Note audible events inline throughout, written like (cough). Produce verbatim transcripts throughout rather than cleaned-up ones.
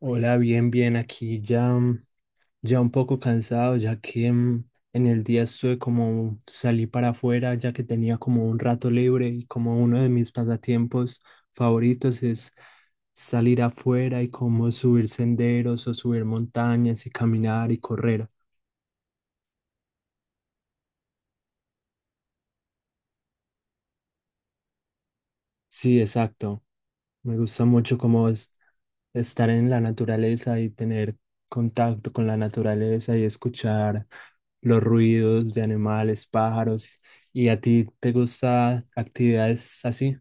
Hola, bien, bien, aquí ya, mm, ya un poco cansado, ya que mm, en el día estuve como salí para afuera, ya que tenía como un rato libre y como uno de mis pasatiempos favoritos es salir afuera y como subir senderos o subir montañas y caminar y correr. Sí, exacto. Me gusta mucho como es- estar en la naturaleza y tener contacto con la naturaleza y escuchar los ruidos de animales, pájaros. ¿Y a ti te gusta actividades así?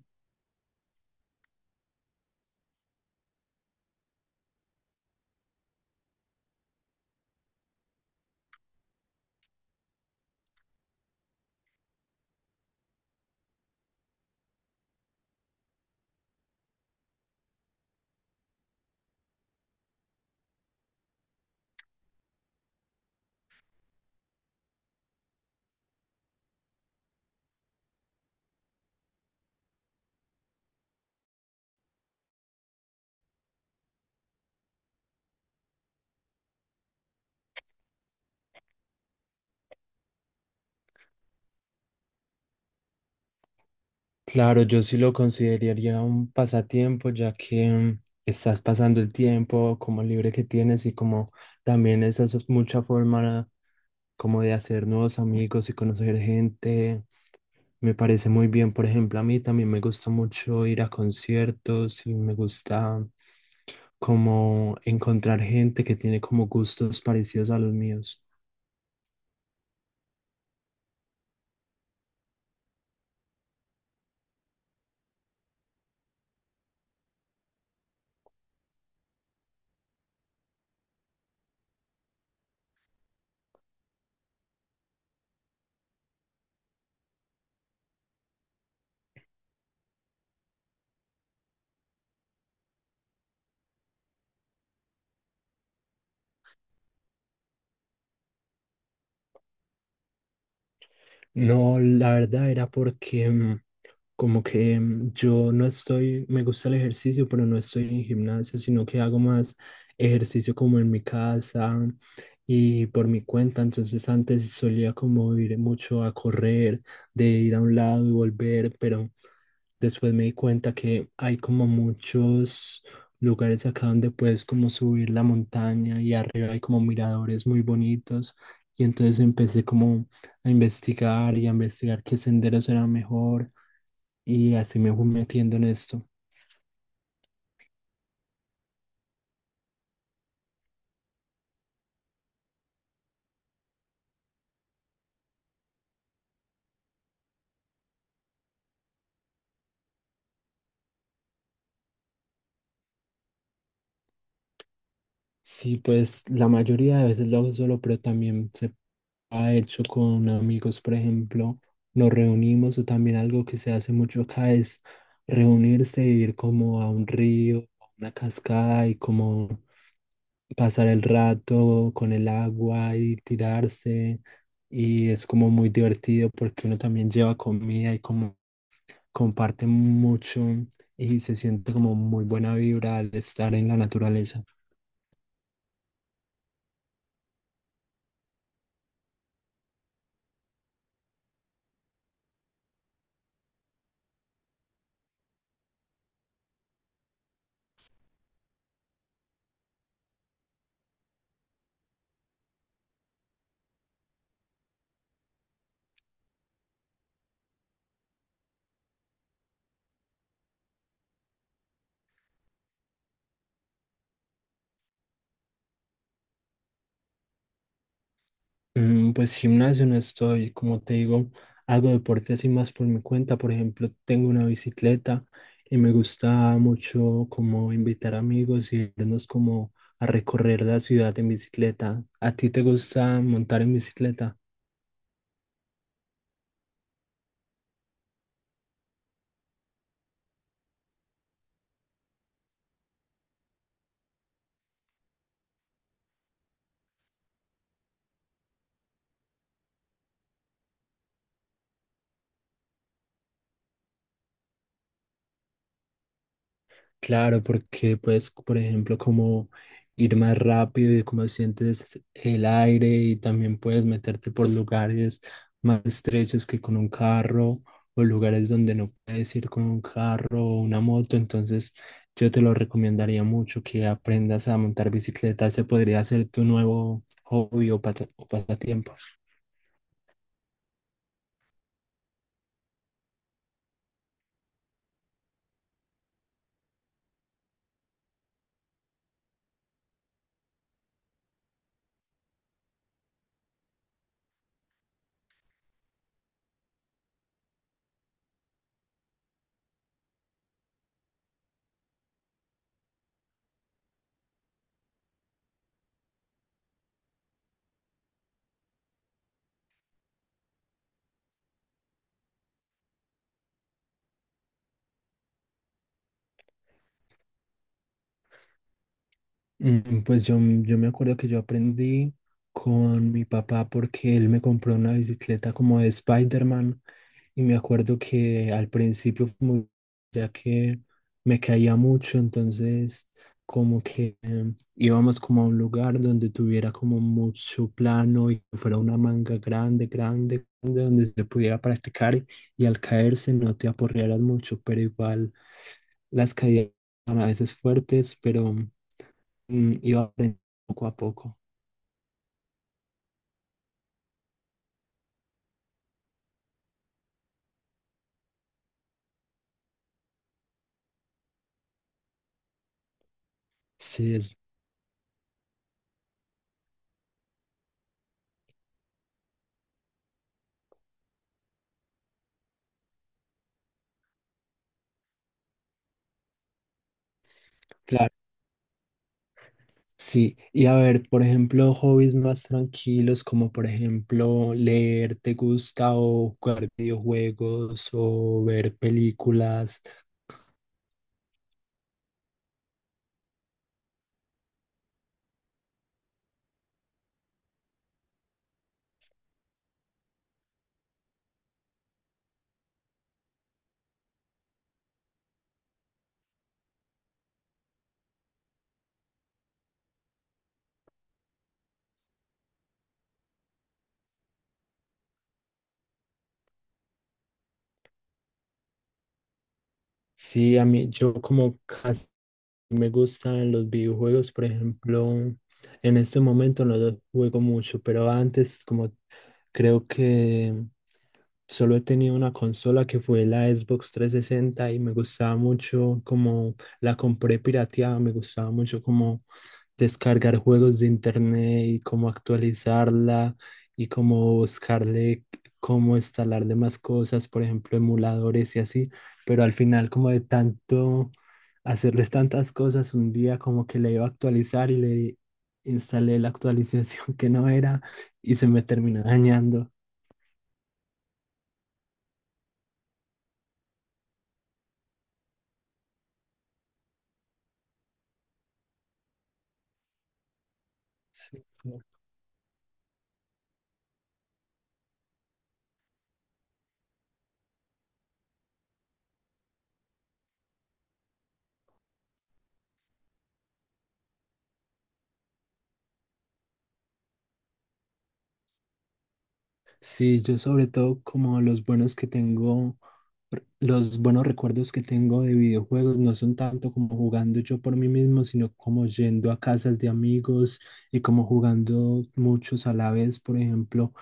Claro, yo sí lo consideraría un pasatiempo, ya que mm, estás pasando el tiempo como libre que tienes y como también esa es mucha forma como de hacer nuevos amigos y conocer gente. Me parece muy bien, por ejemplo, a mí también me gusta mucho ir a conciertos y me gusta como encontrar gente que tiene como gustos parecidos a los míos. No, la verdad era porque mm, como que mm, yo no estoy, me gusta el ejercicio, pero no estoy en gimnasio, sino que hago más ejercicio como en mi casa y por mi cuenta. Entonces antes solía como ir mucho a correr, de ir a un lado y volver, pero... Después me di cuenta que hay como muchos lugares acá donde puedes como subir la montaña y arriba hay como miradores muy bonitos. Y entonces empecé como a investigar y a investigar qué senderos eran mejor y así me fui metiendo en esto. Sí, pues la mayoría de veces lo hago solo, pero también se ha hecho con amigos, por ejemplo, nos reunimos o también algo que se hace mucho acá es reunirse e ir como a un río, a una cascada y como pasar el rato con el agua y tirarse y es como muy divertido porque uno también lleva comida y como comparte mucho y se siente como muy buena vibra al estar en la naturaleza. Mm, Pues gimnasio no estoy, como te digo, hago deporte así más por mi cuenta. Por ejemplo, tengo una bicicleta y me gusta mucho como invitar amigos y irnos como a recorrer la ciudad en bicicleta. ¿A ti te gusta montar en bicicleta? Claro, porque puedes, por ejemplo, como ir más rápido y como sientes el aire y también puedes meterte por lugares más estrechos que con un carro o lugares donde no puedes ir con un carro o una moto. Entonces, yo te lo recomendaría mucho que aprendas a montar bicicleta. Ese podría ser tu nuevo hobby o pata- o pasatiempo. Mm, Pues yo, yo me acuerdo que yo aprendí con mi papá porque él me compró una bicicleta como de Spider-Man y me acuerdo que al principio fue muy- ya que me caía mucho, entonces como que em, íbamos como a un lugar donde tuviera como mucho plano y que fuera una manga grande, grande, grande, donde se pudiera practicar y y al caerse no te aporrearas mucho, pero igual las caídas eran a veces fuertes, pero... Mm, y va aprendiendo poco a poco. Sí, es claro. Sí, y a ver, por ejemplo, hobbies más tranquilos, como por ejemplo leer, ¿te gusta? O jugar videojuegos o ver películas. Sí, a mí, yo como casi me gustan los videojuegos, por ejemplo, en este momento no los juego mucho, pero antes como creo que solo he tenido una consola que fue la Xbox trescientos sesenta y me gustaba mucho como la compré pirateada, me gustaba mucho como descargar juegos de internet y cómo actualizarla y cómo buscarle cómo instalarle más cosas, por ejemplo, emuladores y así, pero al final como de tanto hacerle tantas cosas un día como que le iba a actualizar y le instalé la actualización (laughs) que no era y se me terminó dañando. Sí. Sí, yo sobre todo como los buenos que tengo, r- los buenos recuerdos que tengo de videojuegos no son tanto como jugando yo por mí mismo, sino como yendo a casas de amigos y como jugando muchos a la vez. Por ejemplo,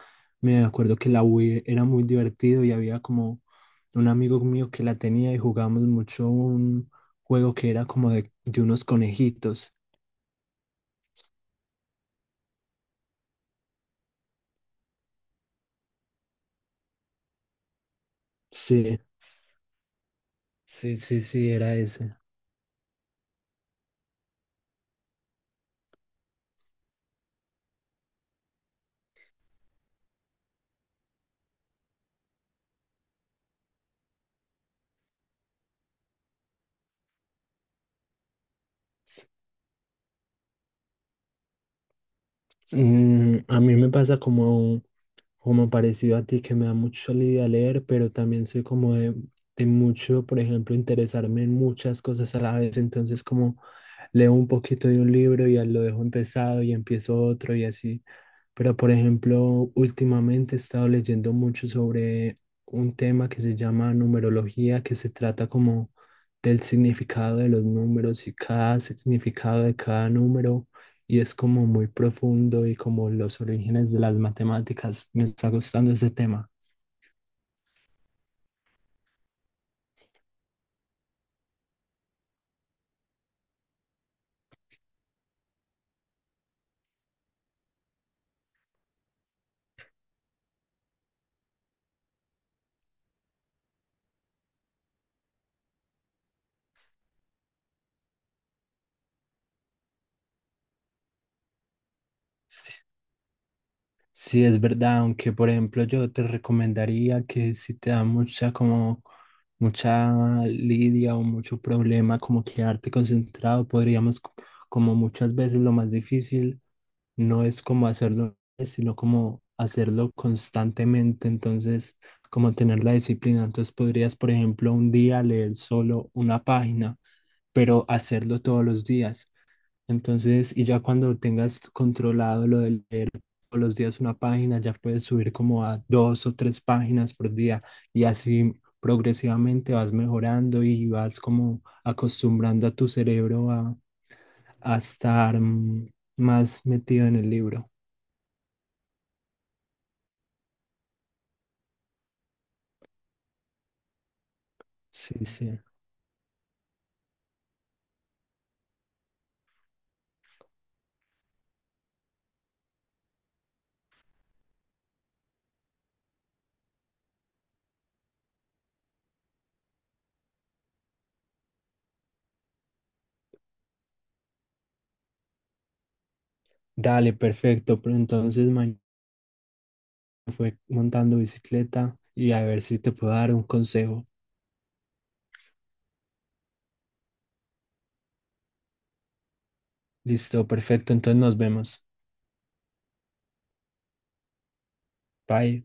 me acuerdo que la Wii era muy divertido y había como un amigo mío que la tenía y jugábamos mucho un juego que era como de, de unos conejitos. Sí, sí, sí, sí, era ese. S- mm, a mí me pasa como como parecido a ti, que me da mucho la idea leer, pero también soy como de, de mucho, por ejemplo, interesarme en muchas cosas a la vez. Entonces, como leo un poquito de un libro y ya lo dejo empezado y empiezo otro y así. Pero, por ejemplo, últimamente he estado leyendo mucho sobre un tema que se llama numerología, que se trata como del significado de los números y cada significado de cada número, y es como muy profundo y como los orígenes de las matemáticas. Me está gustando ese tema. Sí, Sí, es verdad, aunque por ejemplo yo te recomendaría que si te da mucha como mucha lidia o mucho problema como quedarte concentrado, podríamos c- como muchas veces lo más difícil no es como hacerlo, sino como hacerlo constantemente, entonces como tener la disciplina, entonces podrías por ejemplo un día leer solo una página, pero hacerlo todos los días. Entonces, y ya cuando tengas controlado lo de leer todos los días una página, ya puedes subir como a dos o tres páginas por día y así progresivamente vas mejorando y vas como acostumbrando a tu cerebro a, a estar mm, más metido en el libro. Sí, sí. Dale, perfecto. Pero entonces mañana fue montando bicicleta y a ver si te puedo dar un consejo. Listo, perfecto. Entonces nos vemos. Bye.